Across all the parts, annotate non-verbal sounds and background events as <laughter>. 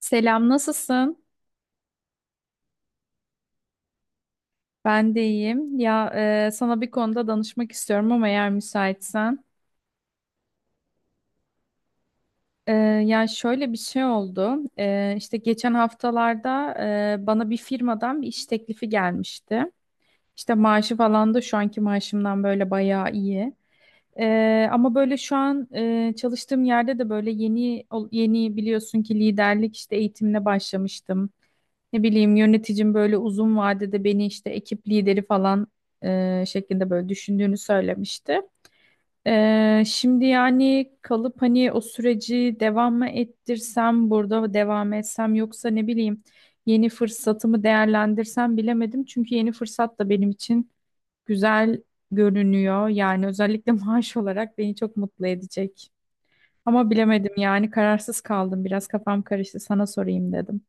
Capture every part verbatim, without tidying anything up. Selam, nasılsın? Ben de iyiyim. Ya e, sana bir konuda danışmak istiyorum, ama eğer müsaitsen. E, Ya şöyle bir şey oldu. E, işte geçen haftalarda e, bana bir firmadan bir iş teklifi gelmişti. İşte maaşı falan da şu anki maaşımdan böyle bayağı iyi. Ee, ama böyle şu an e, çalıştığım yerde de böyle yeni ol- yeni, biliyorsun ki, liderlik işte eğitimine başlamıştım. Ne bileyim, yöneticim böyle uzun vadede beni işte ekip lideri falan e, şeklinde böyle düşündüğünü söylemişti. Ee, şimdi yani kalıp hani o süreci devam mı ettirsem, burada mı devam etsem, yoksa ne bileyim yeni fırsatımı değerlendirsem bilemedim. Çünkü yeni fırsat da benim için güzel görünüyor. Yani özellikle <laughs> maaş olarak beni çok mutlu edecek. Ama bilemedim, yani kararsız kaldım, biraz kafam karıştı, sana sorayım dedim.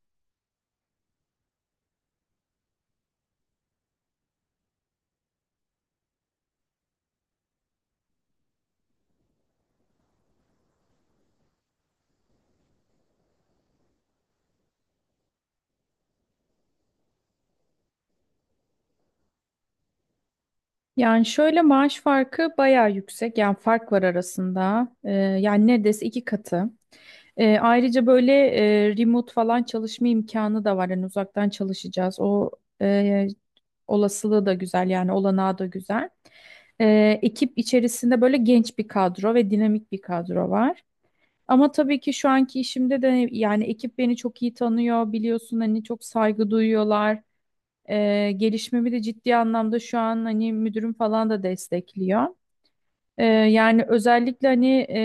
Yani şöyle, maaş farkı bayağı yüksek. Yani fark var arasında. Ee, yani neredeyse iki katı. Ee, ayrıca böyle e, remote falan çalışma imkanı da var. Yani uzaktan çalışacağız. O e, olasılığı da güzel, yani olanağı da güzel. Ee, ekip içerisinde böyle genç bir kadro ve dinamik bir kadro var. Ama tabii ki şu anki işimde de yani ekip beni çok iyi tanıyor, biliyorsun, hani çok saygı duyuyorlar. Ee, gelişmemi de ciddi anlamda şu an hani müdürüm falan da destekliyor. Ee, yani özellikle, hani, e,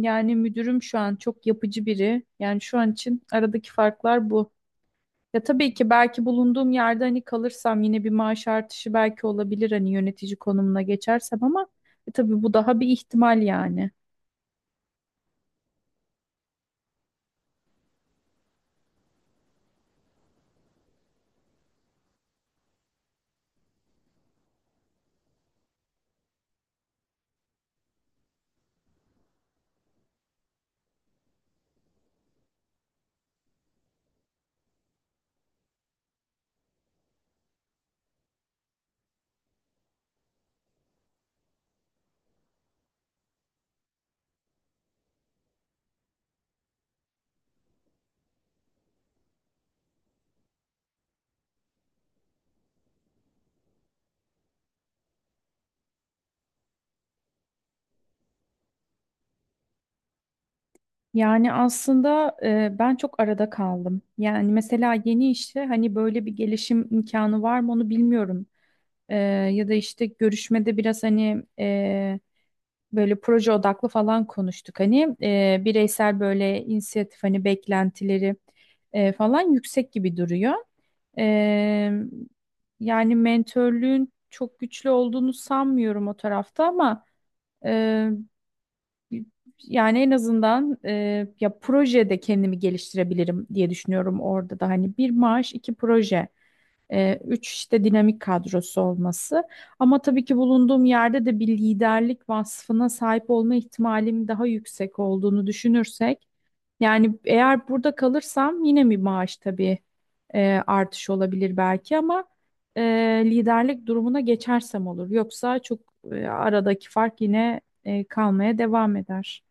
yani müdürüm şu an çok yapıcı biri. Yani şu an için aradaki farklar bu. Ya tabii ki belki bulunduğum yerde, hani kalırsam, yine bir maaş artışı belki olabilir, hani yönetici konumuna geçersem, ama e, tabii bu daha bir ihtimal yani. Yani aslında e, ben çok arada kaldım. Yani mesela yeni işte hani böyle bir gelişim imkanı var mı, onu bilmiyorum. Ee, Ya da işte görüşmede biraz hani e, böyle proje odaklı falan konuştuk. Hani e, bireysel böyle inisiyatif, hani beklentileri e, falan yüksek gibi duruyor. Ee, Yani mentörlüğün çok güçlü olduğunu sanmıyorum o tarafta, ama e, yani en azından, e, ya projede kendimi geliştirebilirim diye düşünüyorum, orada da hani bir maaş, iki proje. E, üç, işte dinamik kadrosu olması. Ama tabii ki bulunduğum yerde de bir liderlik vasfına sahip olma ihtimalim daha yüksek olduğunu düşünürsek, yani eğer burada kalırsam yine bir maaş, tabii, e, artış olabilir belki, ama e, liderlik durumuna geçersem olur. Yoksa çok, e, aradaki fark yine e, kalmaya devam eder.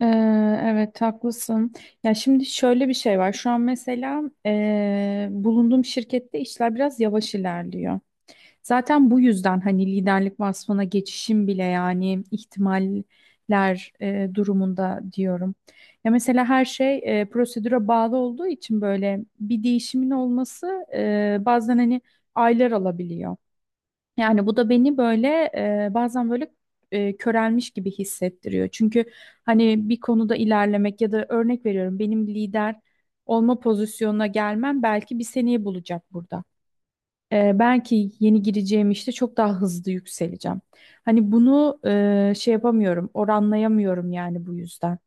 Ee, evet, haklısın. Ya şimdi şöyle bir şey var. Şu an mesela, ee, bulunduğum şirkette işler biraz yavaş ilerliyor. Zaten bu yüzden hani liderlik vasfına geçişim bile yani ihtimaller ee, durumunda diyorum. Ya mesela her şey ee, prosedüre bağlı olduğu için böyle bir değişimin olması ee, bazen, hani, aylar alabiliyor. Yani bu da beni böyle e, bazen böyle e, körelmiş gibi hissettiriyor. Çünkü hani bir konuda ilerlemek ya da, örnek veriyorum, benim lider olma pozisyonuna gelmem belki bir seneyi bulacak burada. E, belki yeni gireceğim işte çok daha hızlı yükseleceğim. Hani bunu e, şey yapamıyorum, oranlayamıyorum yani, bu yüzden.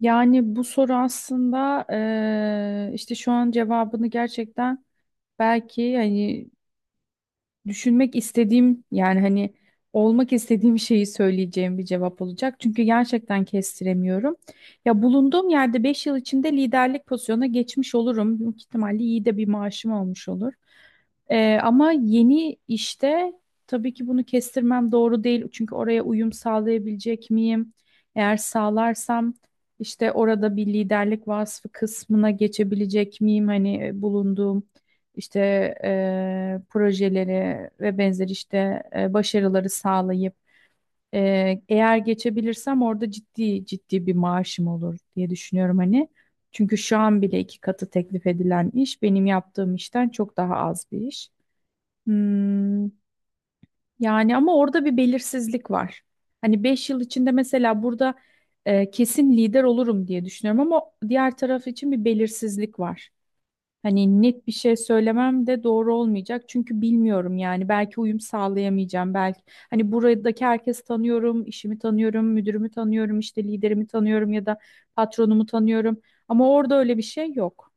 Yani bu soru aslında e, işte şu an cevabını, gerçekten belki hani düşünmek istediğim, yani hani olmak istediğim şeyi söyleyeceğim bir cevap olacak. Çünkü gerçekten kestiremiyorum. Ya bulunduğum yerde beş yıl içinde liderlik pozisyonuna geçmiş olurum. Büyük ihtimalle iyi de bir maaşım olmuş olur. Ee, ama yeni işte tabii ki bunu kestirmem doğru değil. Çünkü oraya uyum sağlayabilecek miyim? Eğer sağlarsam işte orada bir liderlik vasfı kısmına geçebilecek miyim? Hani, e, bulunduğum işte e, projeleri ve benzer işte e, başarıları sağlayıp e, eğer geçebilirsem, orada ciddi ciddi bir maaşım olur diye düşünüyorum hani. Çünkü şu an bile iki katı teklif edilen iş benim yaptığım işten çok daha az bir iş. Hmm, Yani ama orada bir belirsizlik var. Hani beş yıl içinde mesela burada e, kesin lider olurum diye düşünüyorum, ama diğer taraf için bir belirsizlik var. Hani net bir şey söylemem de doğru olmayacak, çünkü bilmiyorum yani. Belki uyum sağlayamayacağım, belki, hani, buradaki herkesi tanıyorum, işimi tanıyorum, müdürümü tanıyorum, işte liderimi tanıyorum ya da patronumu tanıyorum, ama orada öyle bir şey yok.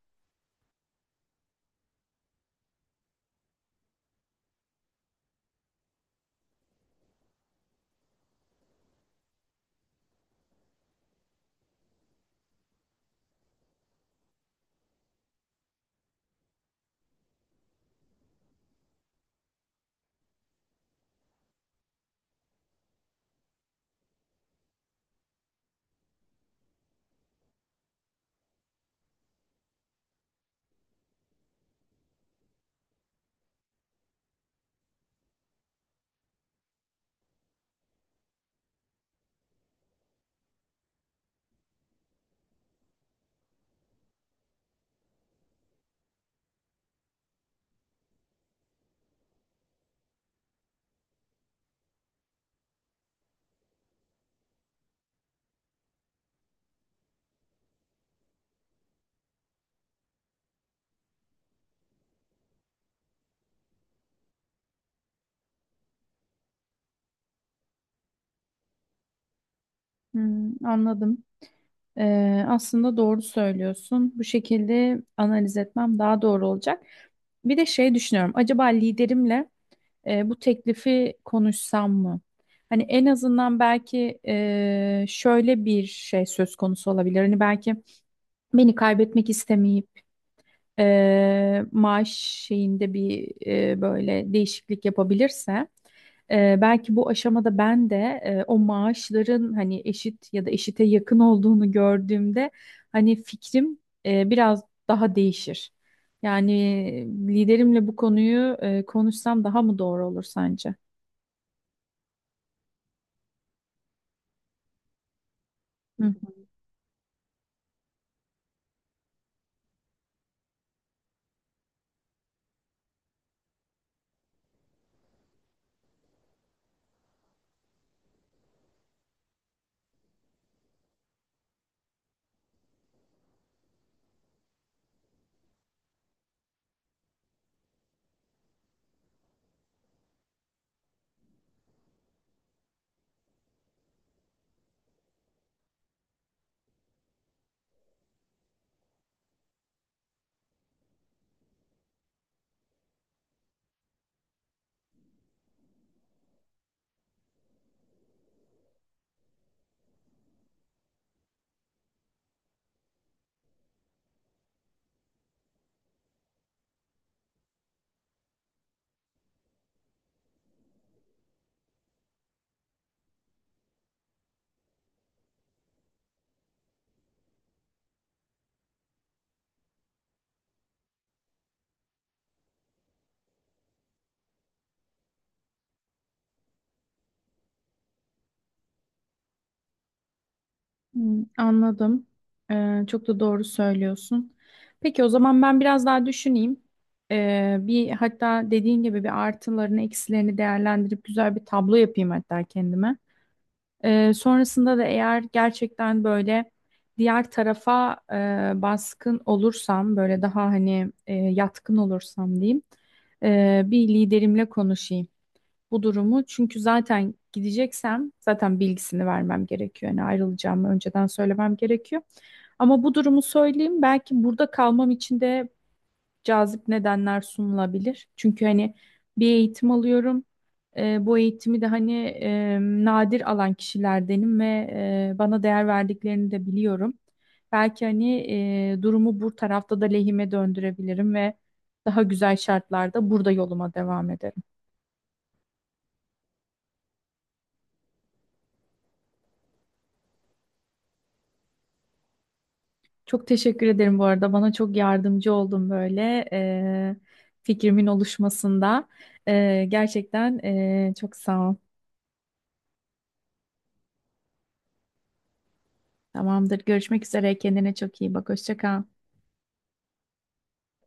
Hmm, anladım. Ee, aslında doğru söylüyorsun. Bu şekilde analiz etmem daha doğru olacak. Bir de şey düşünüyorum, acaba liderimle e, bu teklifi konuşsam mı? Hani en azından belki e, şöyle bir şey söz konusu olabilir. Hani belki beni kaybetmek istemeyip e, maaş şeyinde bir, e, böyle değişiklik yapabilirse, e, belki bu aşamada ben de e, o maaşların hani eşit ya da eşite yakın olduğunu gördüğümde, hani fikrim e, biraz daha değişir. Yani liderimle bu konuyu e, konuşsam daha mı doğru olur sence? Hı hı. Hı, anladım. Ee, çok da doğru söylüyorsun. Peki o zaman ben biraz daha düşüneyim. Ee, bir, hatta dediğin gibi, bir artılarını eksilerini değerlendirip güzel bir tablo yapayım hatta kendime. Ee, sonrasında da eğer gerçekten böyle diğer tarafa e, baskın olursam, böyle daha hani e, yatkın olursam diyeyim, e, bir liderimle konuşayım bu durumu. Çünkü zaten gideceksem zaten bilgisini vermem gerekiyor. Yani ayrılacağımı önceden söylemem gerekiyor. Ama bu durumu söyleyeyim, belki burada kalmam için de cazip nedenler sunulabilir. Çünkü hani bir eğitim alıyorum. E, bu eğitimi de hani e, nadir alan kişilerdenim ve e, bana değer verdiklerini de biliyorum. Belki hani e, durumu bu tarafta da lehime döndürebilirim ve daha güzel şartlarda burada yoluma devam ederim. Çok teşekkür ederim bu arada. Bana çok yardımcı oldun böyle, e, fikrimin oluşmasında. E, gerçekten, e, çok sağ ol. Tamamdır. Görüşmek üzere. Kendine çok iyi bak. Hoşça kal.